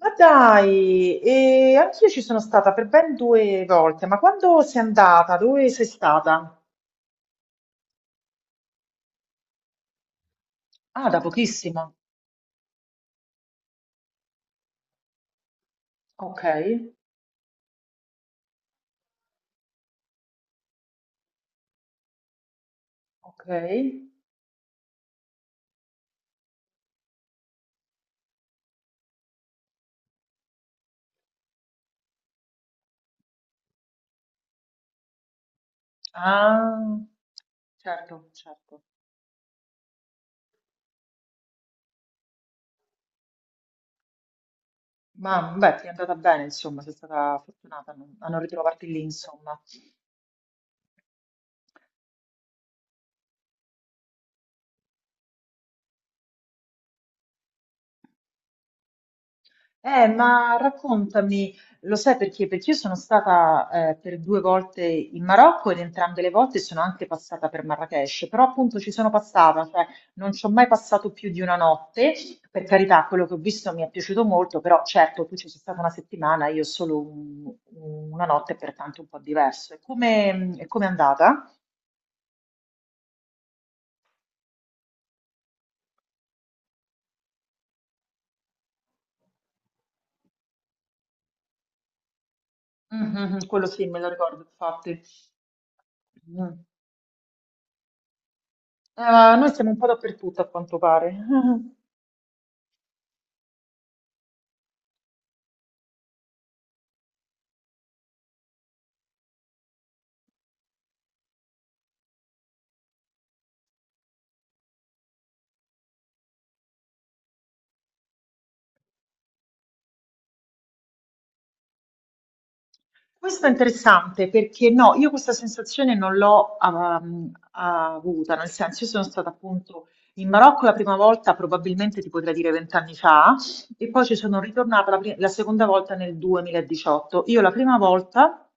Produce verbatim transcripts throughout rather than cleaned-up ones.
Ma dai, e anch'io ci sono stata per ben due volte, ma quando sei andata? Dove sei stata? Ah, da pochissimo. Ok, ok. Ah, certo, certo. Ma beh, ti è andata bene, insomma, sei stata fortunata a non a non ritrovarti lì, insomma. Eh, ma raccontami, lo sai perché? Perché io sono stata eh, per due volte in Marocco ed entrambe le volte sono anche passata per Marrakech, però appunto ci sono passata, cioè non ci ho mai passato più di una notte, per carità, quello che ho visto mi è piaciuto molto, però certo tu ci sei stata una settimana, io solo un- una notte, pertanto un po' diverso. E come, e come è andata? Mhm, quello sì, me lo ricordo infatti. Mm. Eh, ma noi siamo un po' dappertutto a quanto pare. Questo è interessante perché no, io questa sensazione non l'ho um, avuta, nel senso io sono stata appunto in Marocco la prima volta, probabilmente ti potrei dire vent'anni fa, e poi ci sono ritornata la, pri- la seconda volta nel duemiladiciotto. Io la prima volta,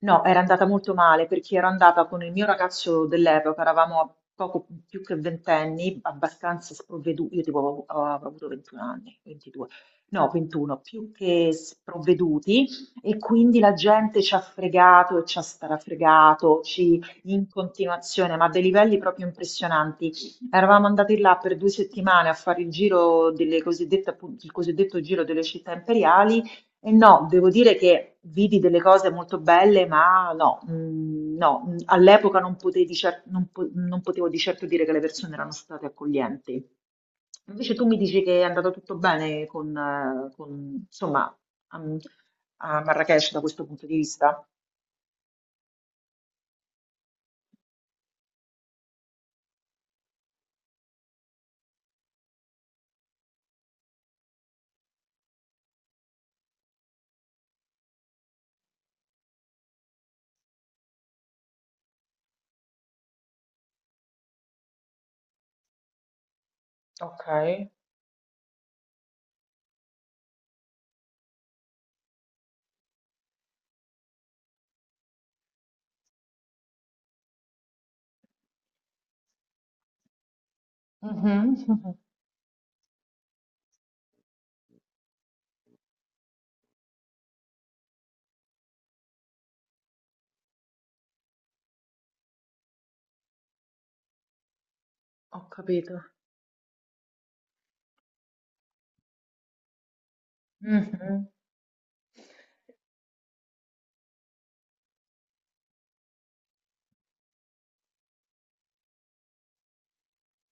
no, era andata molto male perché ero andata con il mio ragazzo dell'epoca, eravamo a poco più che ventenni, abbastanza sprovveduti, io tipo avevo, avevo avuto ventuno anni, ventidue, no, ventuno, più che sprovveduti. E quindi la gente ci ha fregato e ci ha strafregato, ci, in continuazione, ma a dei livelli proprio impressionanti. Eravamo andati là per due settimane a fare il giro delle cosiddette, appunto, il cosiddetto giro delle città imperiali. E no, devo dire che vidi delle cose molto belle, ma no, mm, no, mm, all'epoca non potevi cer- non po- non potevo di certo dire che le persone erano state accoglienti. Invece tu mi dici che è andato tutto bene con, eh, con, insomma, a, a Marrakech da questo punto di vista? Ok, mhm. Ho capito. Mhm.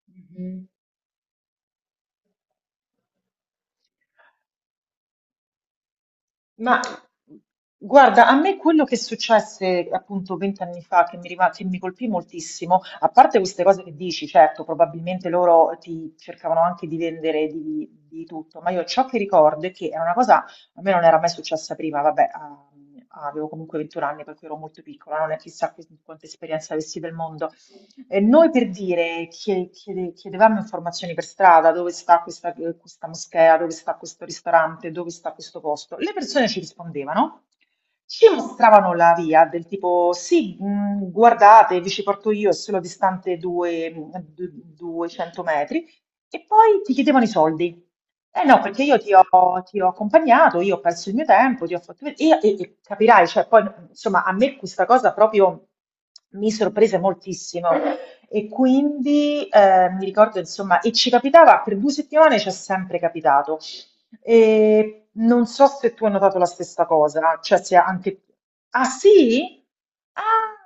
Mhm. Ma guarda, a me quello che successe appunto venti anni fa, che mi, rima- che mi colpì moltissimo, a parte queste cose che dici, certo, probabilmente loro ti cercavano anche di vendere di, di tutto, ma io ciò che ricordo è che è una cosa, a me non era mai successa prima, vabbè, a- avevo comunque ventuno anni, per cui ero molto piccola, non è chissà che- quanta esperienza avessi del mondo, eh, noi per dire, chie- chiede- chiedevamo informazioni per strada, dove sta questa, questa moschea, dove sta questo ristorante, dove sta questo posto. Le persone ci rispondevano, ci mostravano la via del tipo, sì, mh, guardate, vi ci porto io, è solo distante due- mh, du- duecento metri, e poi ti chiedevano i soldi. Eh no, perché io ti ho, ti ho accompagnato, io ho perso il mio tempo, ti ho fatto vedere, e, e- e capirai, cioè poi, insomma, a me questa cosa proprio mi sorprese moltissimo. E quindi eh, mi ricordo, insomma, e ci capitava per due settimane, ci è sempre capitato. E non so se tu hai notato la stessa cosa, cioè se anche. Ah sì? Ah!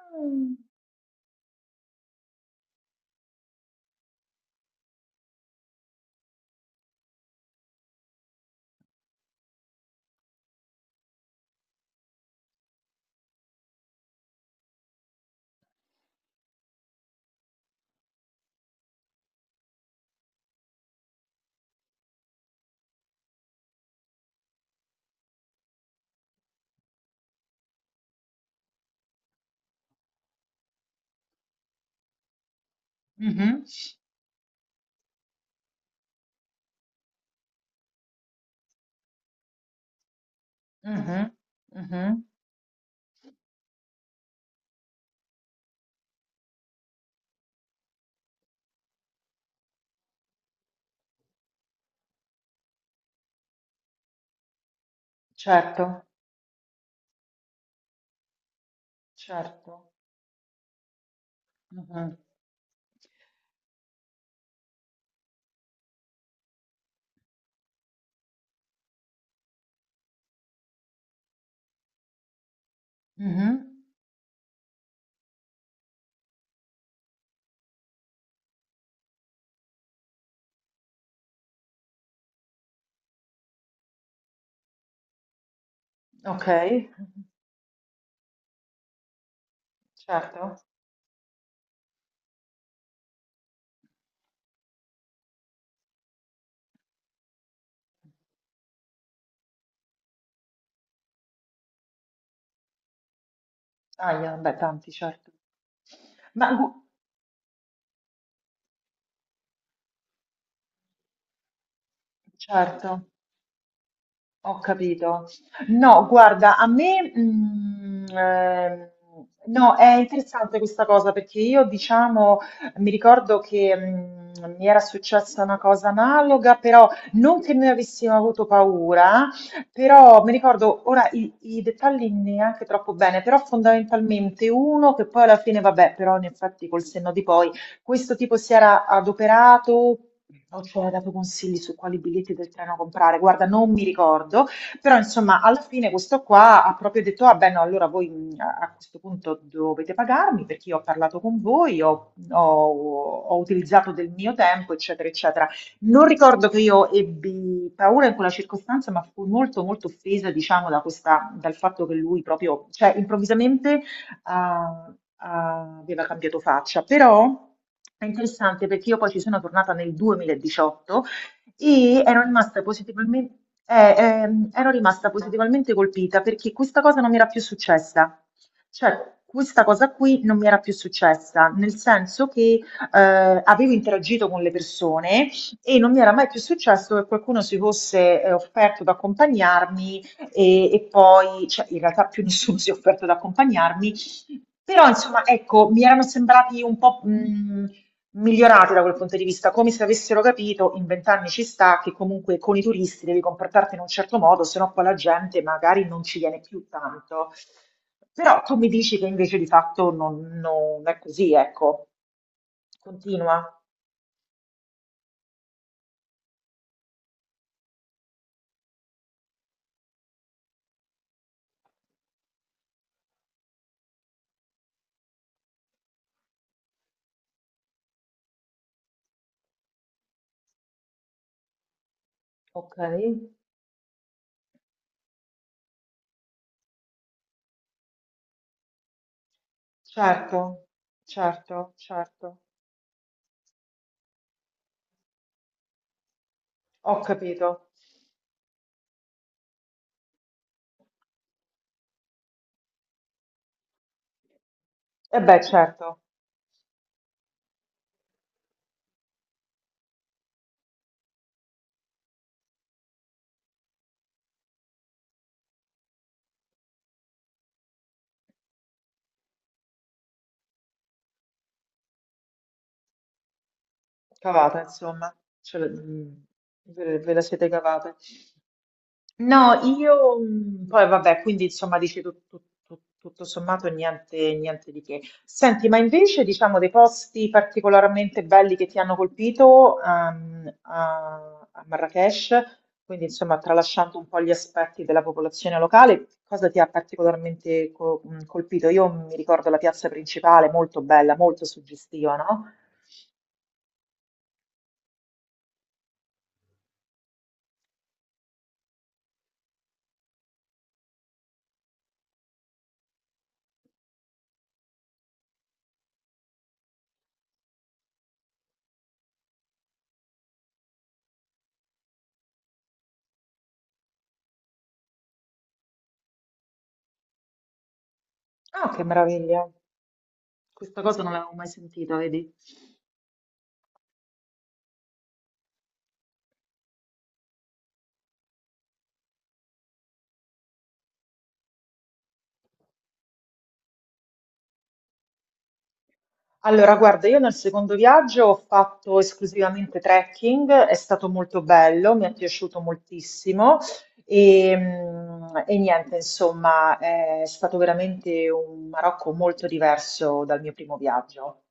Mhm, mhm, mhm. Certo, certo. Mhm. Mhm, ok, certo. Ah, beh, tanti, certo. Ma gu- certo. Ho capito. No, guarda, a me, mm, ehm, no, è interessante questa cosa perché io, diciamo, mi ricordo che mm, mi era successa una cosa analoga, però non che noi avessimo avuto paura, però mi ricordo ora i, i dettagli neanche troppo bene, però fondamentalmente uno che poi alla fine, vabbè, però in effetti col senno di poi questo tipo si era adoperato o ci aveva dato consigli su quali biglietti del treno comprare? Guarda, non mi ricordo, però insomma, alla fine questo qua ha proprio detto: Ah, beh, no, allora voi mh, a a questo punto dovete pagarmi perché io ho parlato con voi, ho, ho- ho utilizzato del mio tempo, eccetera, eccetera. Non ricordo che io ebbi paura in quella circostanza, ma fui molto, molto offesa, diciamo, da questa, dal fatto che lui proprio, cioè, improvvisamente a- a- aveva cambiato faccia, però è interessante perché io poi ci sono tornata nel duemiladiciotto e ero rimasta positivamente, eh, ehm, ero rimasta positivamente colpita perché questa cosa non mi era più successa. Cioè, questa cosa qui non mi era più successa, nel senso che eh, avevo interagito con le persone e non mi era mai più successo che qualcuno si fosse eh, offerto ad accompagnarmi e, e poi, cioè, in realtà più nessuno si è offerto ad accompagnarmi però insomma, ecco, mi erano sembrati un po', mhmm, migliorati da quel punto di vista, come se avessero capito in venti anni ci sta che comunque con i turisti devi comportarti in un certo modo, se no poi la gente magari non ci viene più tanto. Però tu mi dici che invece di fatto non non è così, ecco. Continua. Ok. Certo, certo, certo. Ho capito. E beh, certo, cavata insomma, ce l mhmm, ve ve la siete cavata. No, io mh, poi vabbè, quindi insomma dici tu- tu- tu- tutto sommato niente, niente di che. Senti, ma invece diciamo dei posti particolarmente belli che ti hanno colpito ehm, a, a Marrakech, quindi insomma tralasciando un po' gli aspetti della popolazione locale, cosa ti ha particolarmente co- mh, colpito? Io mi ricordo la piazza principale, molto bella, molto suggestiva, no? Ah, che meraviglia! Questa cosa non l'avevo mai sentita, vedi? Allora, guarda, io nel secondo viaggio ho fatto esclusivamente trekking, è stato molto bello, mi è piaciuto moltissimo e, mm, e niente, insomma, è stato veramente un Marocco molto diverso dal mio primo viaggio.